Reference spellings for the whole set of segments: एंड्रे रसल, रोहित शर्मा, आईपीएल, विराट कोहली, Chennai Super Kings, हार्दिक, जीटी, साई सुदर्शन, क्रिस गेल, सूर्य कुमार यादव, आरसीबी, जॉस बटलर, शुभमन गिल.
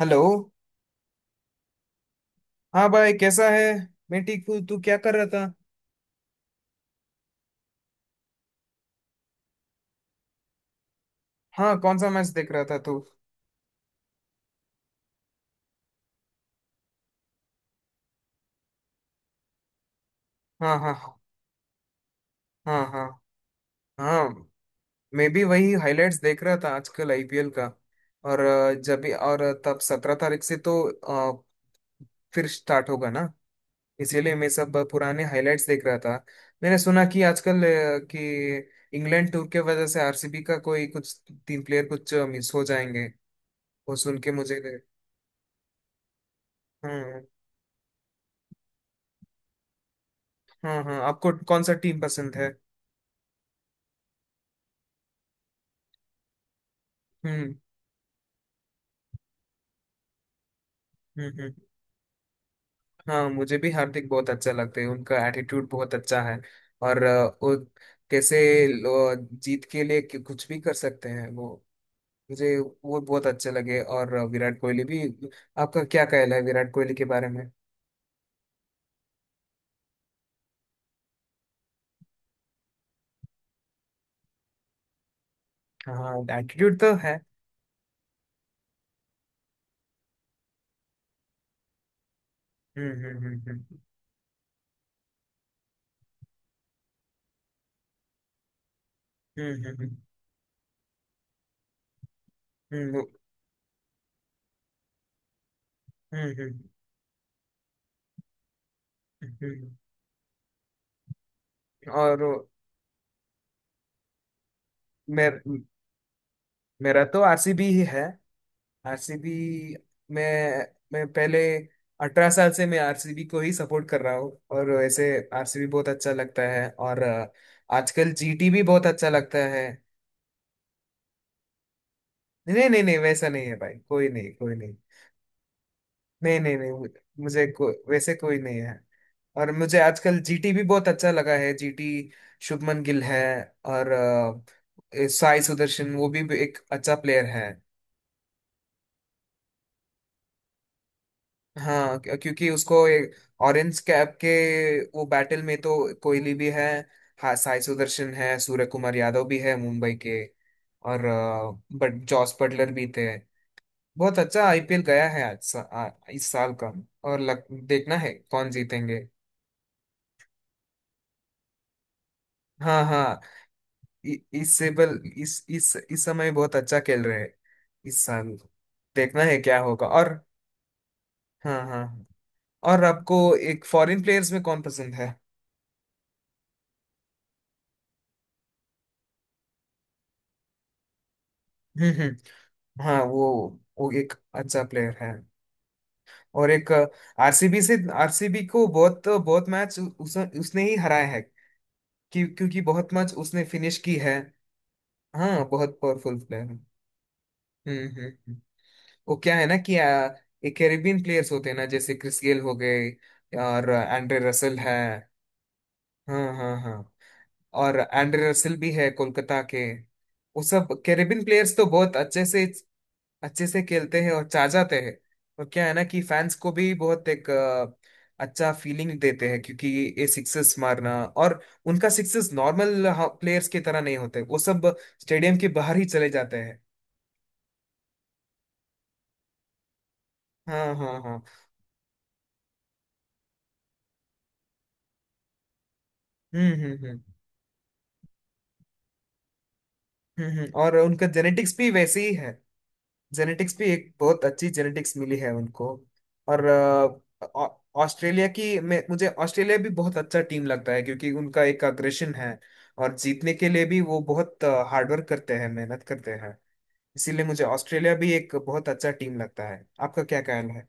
Hello. हाँ भाई, कैसा है? मैं ठीक हूँ। तू क्या कर रहा था? हाँ, कौन सा मैच देख रहा था तू? हाँ, हाँ, हाँ, हाँ, हाँ, हाँ। मैं भी वही हाइलाइट्स देख रहा था, आजकल आईपीएल का। और जब भी और तब 17 तारीख से तो अ, फिर स्टार्ट होगा ना। इसीलिए मैं सब पुराने हाइलाइट्स देख रहा था। मैंने सुना कि आजकल कि इंग्लैंड टूर के वजह से आरसीबी का कोई कुछ तीन प्लेयर कुछ मिस हो जाएंगे। वो सुन के मुझे। हम्म। हाँ, हाँ, आपको कौन सा टीम पसंद है? हम्म, हम्म, हाँ, मुझे भी हार्दिक बहुत अच्छा लगते हैं। उनका एटीट्यूड बहुत अच्छा है। और वो कैसे लो- जीत के लिए कुछ भी कर सकते हैं वो। मुझे वो बहुत अच्छे लगे। और विराट कोहली भी। आपका क्या कहना है विराट कोहली के बारे में? हाँ, एटीट्यूड तो है। हम्म, हम्म, हम्म, हम्म, हम्म, हम्म, हम्म, हम्म, और मेर, मेरा तो आरसीबी ही है। आरसीबी। मैं पहले 18 साल से मैं आरसीबी को ही सपोर्ट कर रहा हूँ, और वैसे आरसीबी बहुत अच्छा लगता है। और आजकल जीटी भी बहुत अच्छा लगता है। नहीं, नहीं, नहीं, वैसा नहीं है भाई, कोई नहीं, कोई नहीं। नहीं, नहीं, नहीं, मुझे को, वैसे कोई नहीं है। और मुझे आजकल जीटी भी बहुत अच्छा लगा है। जीटी शुभमन गिल है। और साई सुदर्शन, वो भी एक अच्छा प्लेयर है। हाँ, क्योंकि उसको एक ऑरेंज कैप के, वो बैटल में तो कोहली भी है। हाँ, साई सुदर्शन है, सूर्य कुमार यादव भी है मुंबई के। और बट जॉस बटलर भी थे। बहुत अच्छा आईपीएल गया है इस साल का। और देखना है कौन जीतेंगे। हाँ, हाँ। इ- इससे बल इस समय बहुत अच्छा खेल रहे हैं, इस साल। देखना है क्या होगा। और हाँ, हाँ, हाँ। और आपको एक फॉरेन प्लेयर्स में कौन पसंद है? हम्म, हम्म। हाँ, वो एक अच्छा प्लेयर है। और एक आरसीबी से, आरसीबी को बहुत बहुत मैच उसने ही हराया है। क्योंकि बहुत मैच उसने फिनिश की है। हाँ, बहुत पावरफुल प्लेयर है। हम्म, हम्म, वो क्या है ना कि ये कैरेबियन प्लेयर्स होते हैं ना, जैसे क्रिस गेल हो गए और एंड्रे रसल है। हाँ, हाँ, हाँ। और एंड्रे रसल भी है कोलकाता के। वो सब कैरेबियन प्लेयर्स तो बहुत अच्छे से खेलते हैं और चाह जाते हैं। और क्या है ना कि फैंस को भी बहुत एक अच्छा फीलिंग देते हैं। क्योंकि ये सिक्सेस मारना, और उनका सिक्सेस नॉर्मल प्लेयर्स की तरह नहीं होते। वो सब स्टेडियम के बाहर ही चले जाते हैं। हाँ, हाँ, हाँ। हम्म, हम्म, हम्म, हम्म, और उनका जेनेटिक्स भी वैसे ही है। जेनेटिक्स भी एक बहुत अच्छी जेनेटिक्स मिली है उनको। और ऑस्ट्रेलिया की मैं मुझे ऑस्ट्रेलिया भी बहुत अच्छा टीम लगता है, क्योंकि उनका एक अग्रेशन है। और जीतने के लिए भी वो बहुत हार्डवर्क करते हैं, मेहनत करते हैं। इसीलिए मुझे ऑस्ट्रेलिया भी एक बहुत अच्छा टीम लगता है। आपका क्या कहना है?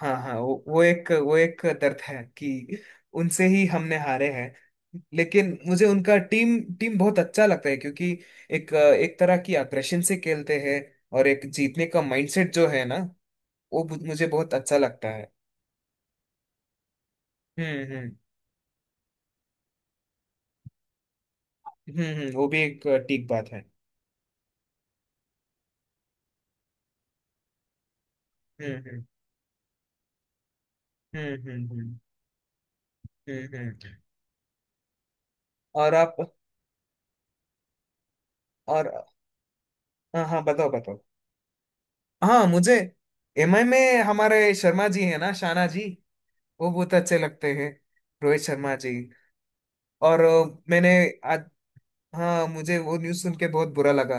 हाँ, हाँ, वो एक दर्द है कि उनसे ही हमने हारे हैं। लेकिन मुझे उनका टीम टीम बहुत अच्छा लगता है क्योंकि एक एक तरह की अग्रेशन से खेलते हैं। और एक जीतने का माइंडसेट जो है ना, वो मुझे बहुत अच्छा लगता है। हम्म, हम्म, हम्म, वो भी एक ठीक बात है। हम्म, हम्म, हम्म, हम्म, हम्म, और आप। और हाँ, हाँ, बताओ, बताओ। हाँ, मुझे एमआई में हमारे शर्मा जी है ना, शाना जी, वो बहुत अच्छे लगते हैं। रोहित शर्मा जी। और मैंने आज। हाँ, मुझे वो न्यूज़ सुन के बहुत बुरा लगा।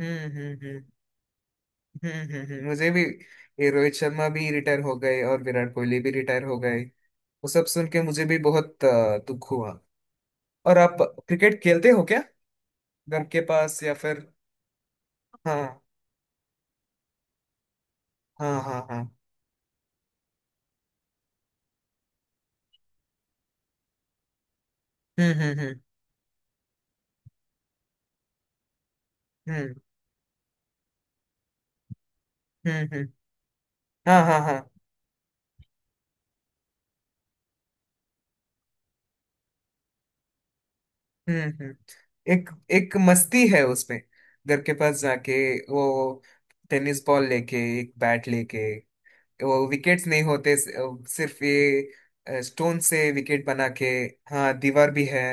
हम्म, हम्म, हम्म, हम्म, हम्म, मुझे भी। ये रोहित शर्मा भी रिटायर हो गए और विराट कोहली भी रिटायर हो गए। वो सब सुन के मुझे भी बहुत दुख हुआ। और आप क्रिकेट खेलते हो क्या? घर के पास या फिर। हाँ, हाँ, हाँ, हाँ। हम्म, हम्म, हम्म, हम्म, हम्म, हाँ, हाँ, हाँ, हम्म, हम्म। एक एक मस्ती है उसमें। घर के पास जाके, वो टेनिस बॉल लेके, एक बैट लेके, वो विकेट्स नहीं होते। सिर्फ ये स्टोन से विकेट बना के। हाँ, दीवार भी है।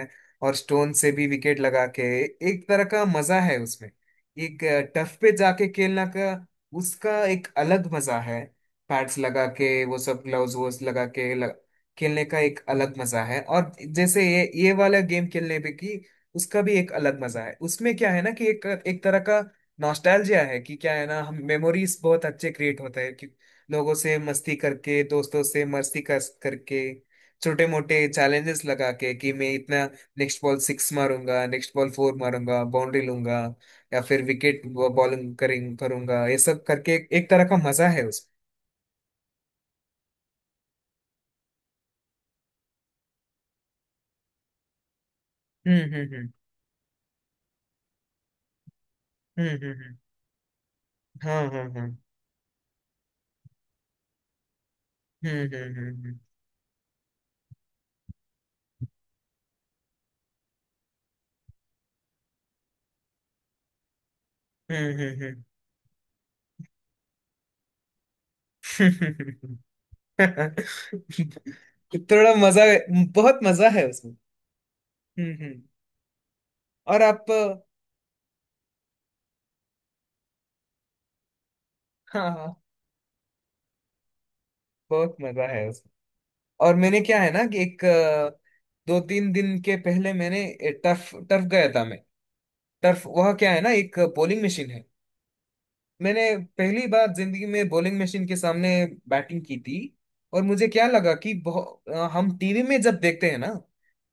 और स्टोन से भी विकेट लगा के, एक तरह का मजा है उसमें। एक टफ पे जाके खेलना का उसका एक अलग मजा है। पैड्स लगा के, वो सब ग्लव्स वोस लगा के, खेलने का एक अलग मजा है। और जैसे ये वाला गेम खेलने पे की, उसका भी एक अलग मजा है उसमें। क्या है ना कि एक एक तरह का नॉस्टैल्जिया है, कि क्या है ना, हम मेमोरीज बहुत अच्छे क्रिएट होते हैं। लोगों से मस्ती करके, दोस्तों से मस्ती कर करके। छोटे मोटे चैलेंजेस लगा के कि मैं इतना नेक्स्ट बॉल सिक्स मारूंगा, नेक्स्ट बॉल फोर मारूंगा, बाउंड्री लूंगा, या फिर विकेट बॉलिंग करें करूंगा। ये सब करके एक तरह का मजा है उसमें। हम्म, हम्म, हम्म, हम्म, हम्म, हाँ, हाँ, हाँ, हम्म, हम्म, हम्म, हम्म, हम्म, हम्म। थोड़ा मजा, बहुत मजा है उसमें। हम्म, हम्म। और आप? हाँ, हाँ, बहुत मजा है उसमें। और मैंने क्या है ना कि एक दो तीन दिन के पहले मैंने टर्फ, गया था मैं। टर्फ वह क्या है ना, एक बॉलिंग मशीन है। मैंने पहली बार जिंदगी में बॉलिंग मशीन के सामने बैटिंग की थी। और मुझे क्या लगा कि हम टीवी में जब देखते हैं ना,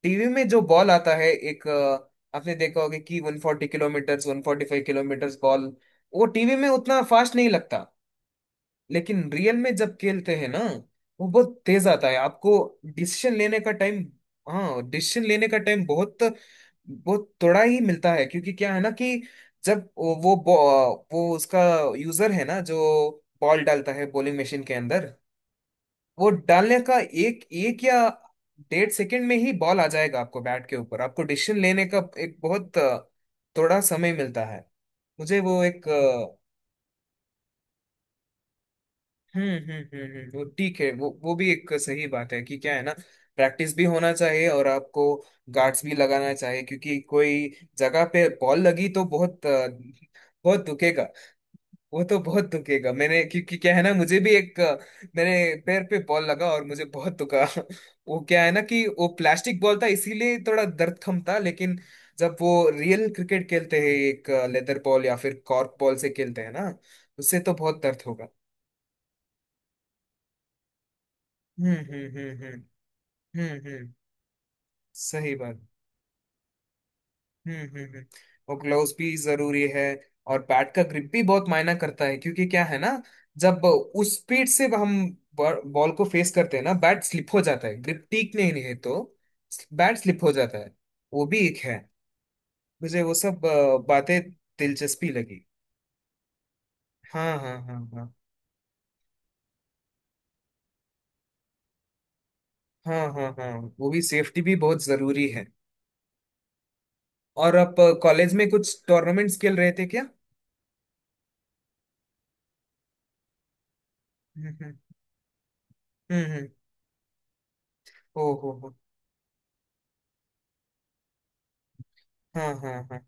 टीवी में जो बॉल आता है एक आपने देखा होगा कि 140 किलोमीटर 145 किलोमीटर बॉल, वो टीवी में उतना फास्ट नहीं लगता। लेकिन रियल में जब खेलते हैं ना, वो बहुत तेज आता है। आपको डिसीजन लेने का टाइम। हाँ, डिसीजन लेने का टाइम बहुत बहुत थोड़ा ही मिलता है। क्योंकि क्या है ना कि जब वो उसका यूजर है ना जो बॉल डालता है बॉलिंग मशीन के अंदर, वो डालने का एक एक या डेढ़ सेकंड में ही बॉल आ जाएगा आपको बैट के ऊपर। आपको डिसीजन लेने का एक बहुत थोड़ा समय मिलता है। मुझे वो एक। हम्म, हम्म, हम्म, वो ठीक है, वो भी एक सही बात है कि क्या है ना, प्रैक्टिस भी होना चाहिए। और आपको गार्ड्स भी लगाना चाहिए क्योंकि कोई जगह पे बॉल लगी तो बहुत बहुत दुखेगा। वो तो बहुत दुखेगा। मैंने, क्योंकि क्या है ना, मुझे भी एक मेरे पैर पे बॉल लगा और मुझे बहुत दुखा। वो क्या है ना कि वो प्लास्टिक बॉल था, इसीलिए थोड़ा दर्द कम था। लेकिन जब वो रियल क्रिकेट खेलते हैं एक लेदर बॉल या फिर कॉर्क बॉल से खेलते हैं ना, उससे तो बहुत दर्द होगा। हम्म, हम्म, हम्म, हम्म, हम्म, सही बात। हम्म, हम्म, हम्म। वो ग्लव्स भी जरूरी है। और बैट का ग्रिप भी बहुत मायना करता है क्योंकि क्या है ना, जब उस स्पीड से हम बॉल को फेस करते हैं ना, बैट स्लिप हो जाता है। ग्रिप ठीक नहीं है तो बैट स्लिप हो जाता है। वो भी एक है। मुझे वो सब बातें दिलचस्पी लगी। हाँ, हाँ, हाँ, हाँ, हाँ, हाँ, हाँ। वो भी सेफ्टी भी बहुत जरूरी है। और आप कॉलेज में कुछ टूर्नामेंट्स खेल रहे थे क्या? हम्म, हम्म, हम्म, ओ हो हो। हाँ, हाँ, हाँ।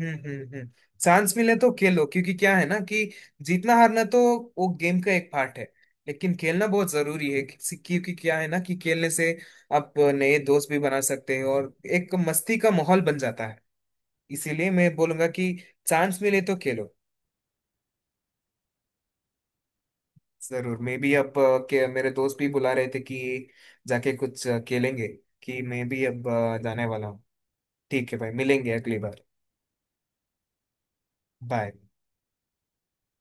हम्म, हम्म, हम्म। चांस मिले तो खेलो, क्योंकि क्या है ना कि जीतना हारना तो वो गेम का एक पार्ट है। लेकिन खेलना बहुत जरूरी है क्योंकि क्या है ना कि खेलने से आप नए दोस्त भी बना सकते हैं और एक मस्ती का माहौल बन जाता है। इसीलिए मैं बोलूंगा कि चांस मिले तो खेलो। जरूर। मैं भी अब के मेरे दोस्त भी बुला रहे थे कि जाके कुछ खेलेंगे, कि मैं भी अब जाने वाला हूँ। ठीक है भाई, मिलेंगे अगली बार। बाय।